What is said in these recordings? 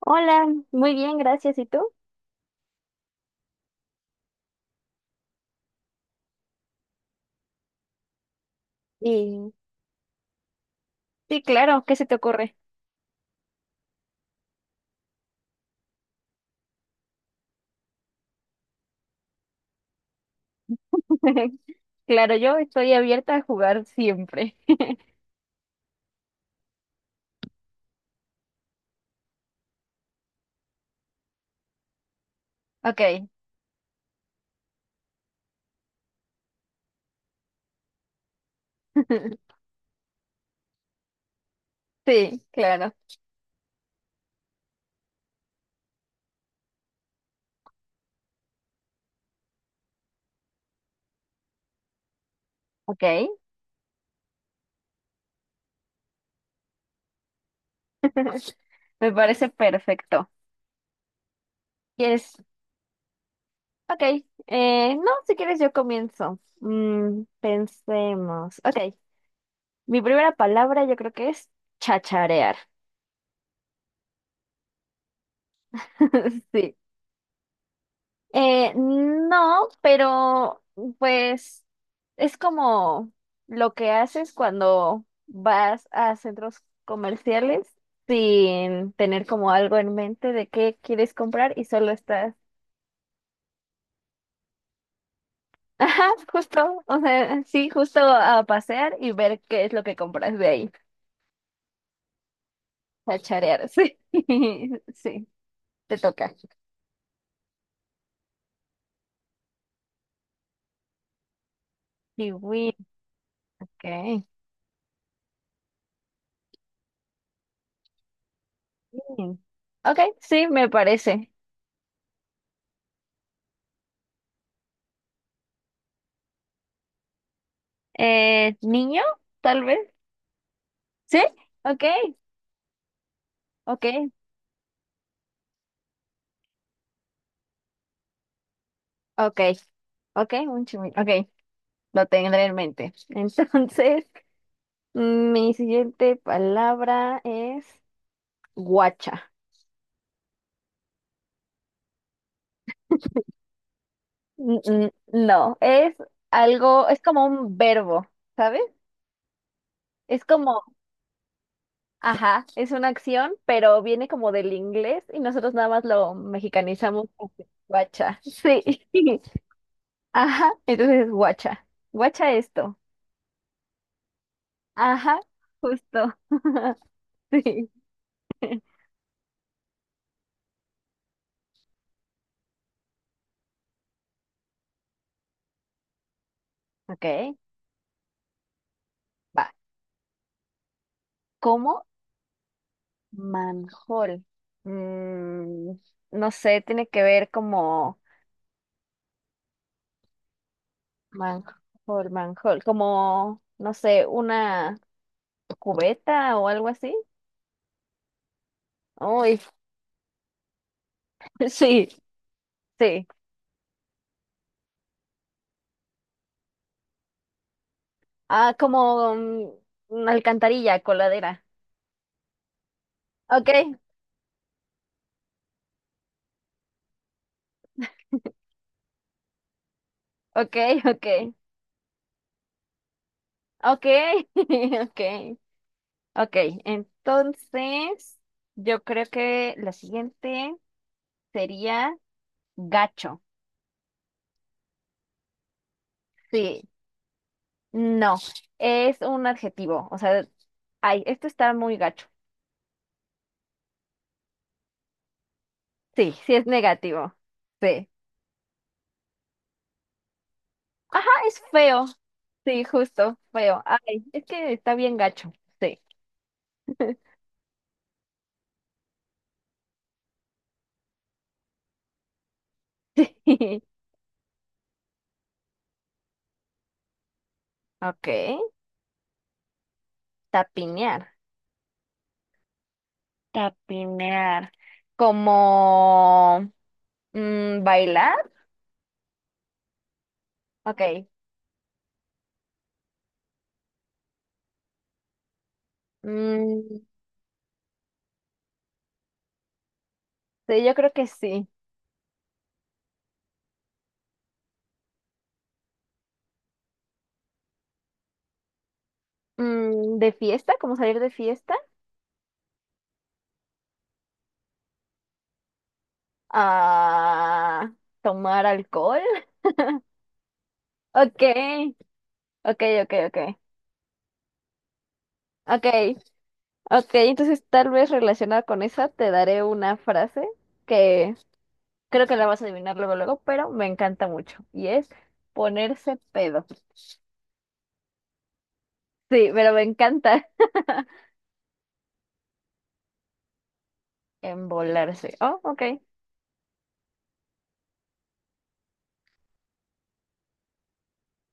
Hola, muy bien, gracias. ¿Y tú? Y sí, claro, ¿qué se te ocurre? Claro, yo estoy abierta a jugar siempre. Ok, sí, claro. Ok, me parece perfecto. ¿Quieres? Ok, no, si quieres yo comienzo. Mm, pensemos. Ok, mi primera palabra yo creo que es chacharear. Sí. No, pero pues es como lo que haces cuando vas a centros comerciales sin tener como algo en mente de qué quieres comprar y solo estás, ajá, justo, o sea, sí, justo a pasear y ver qué es lo que compras de ahí, a charear, sí, sí, te toca. Kiwi, ok. Ok, sí, me parece. Niño, tal vez. ¿Sí? Ok, ok, ok, ok, ok, lo tendré en mente. Entonces, mi siguiente palabra es guacha. No, es algo, es como un verbo, ¿sabes? Es como, ajá, es una acción, pero viene como del inglés y nosotros nada más lo mexicanizamos como que guacha. Sí, ajá, entonces es guacha. Guacha esto. Ajá, justo, sí. Ok, va. Como manjol. Mm, no sé, tiene que ver como manjol, manjol, como, no sé, una cubeta o algo así. Uy, sí, sí. Ah, como una alcantarilla, coladera. Ok, ok, ok, ok, ok, ok. Entonces, yo creo que la siguiente sería gacho. Sí. No, es un adjetivo. O sea, ay, esto está muy gacho. Sí, sí es negativo. Sí. Ajá, es feo. Sí, justo, feo. Ay, es que está bien gacho. Sí. Ok, tapinear. Tapinear. Como bailar. Ok. Mm, sí, yo creo que sí. De fiesta, como salir de fiesta. Ah, tomar alcohol. Ok, ok, ok, ok. Ok, ok, entonces tal vez relacionada con esa te daré una frase que creo que la vas a adivinar luego, luego, pero me encanta mucho y es ponerse pedo. Sí, pero me encanta embolarse. Oh, ok,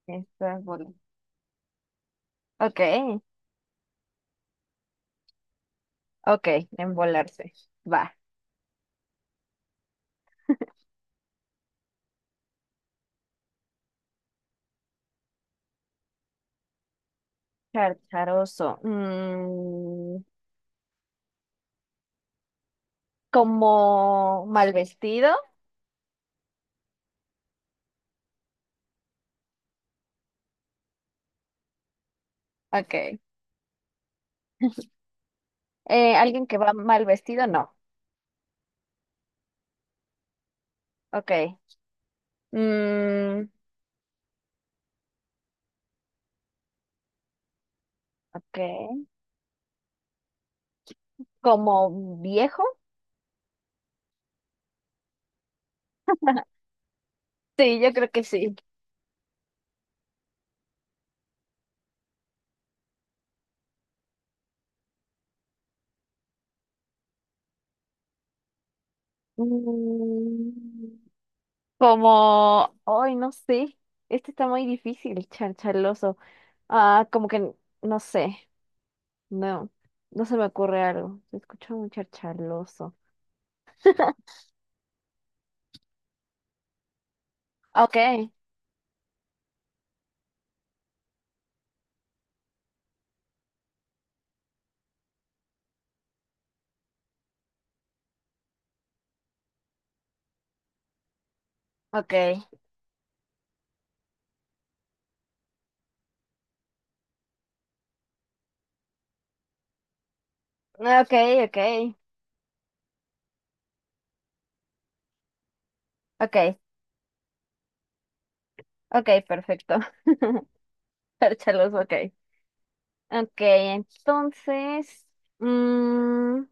está bola. Ok, ok, embolarse. Va, charcharoso. Como mal vestido. Ok. ¿Alguien que va mal vestido? No. Ok. Mm, ok. ¿Como viejo? Sí, yo creo que sí. Mm, Como, ay, no sé. Este está muy difícil, charchaloso. Ah, como que, no sé. No, no se me ocurre algo. Se escucha muy charchaloso. Ok, ok, ok, ok, ok, ok, perfecto. Charchaloso, ok. Ok, entonces, mm,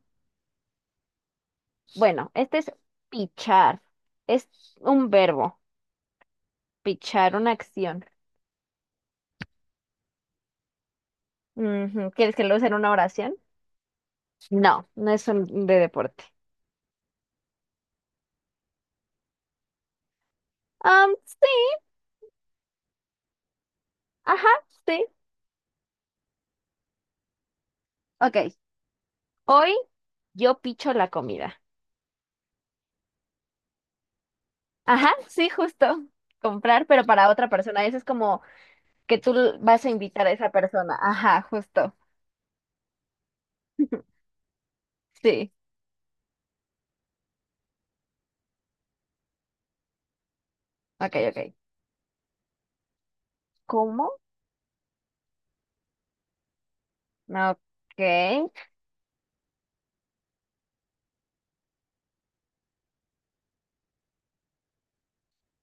bueno, este es pichar. Es un verbo. Pichar una acción. Ujú, ¿quieres que lo sea en una oración? No, no es un de deporte. Um Sí, ajá, sí. Ok. Hoy yo picho la comida. Ajá, sí, justo. Comprar, pero para otra persona. Eso es como que tú vas a invitar a esa persona. Ajá, justo. Sí. Ok, ok. ¿Cómo? Ok.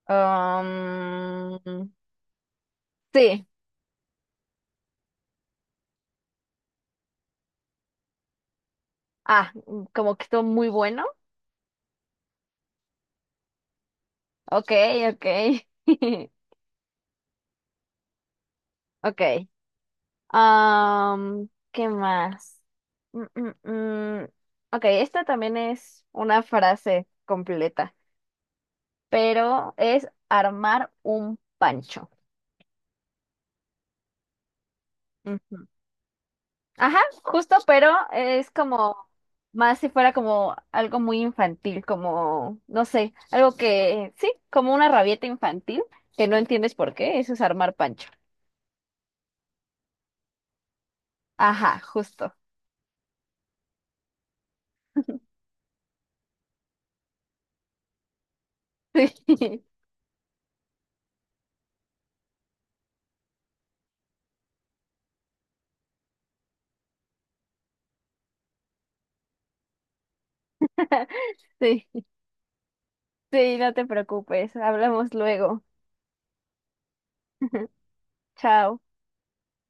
Um, sí. Ah, como que estuvo muy bueno. Ok, ok. Ok. ¿Qué más? Mm, mm, mm. Ok, esta también es una frase completa, pero es armar un pancho. Ujú. Ajá, justo, pero es como más si fuera como algo muy infantil, como, no sé, algo que, sí, como una rabieta infantil, que no entiendes por qué, eso es armar pancho. Ajá, justo. Sí, sí, sí, no te preocupes, hablamos luego. Chao.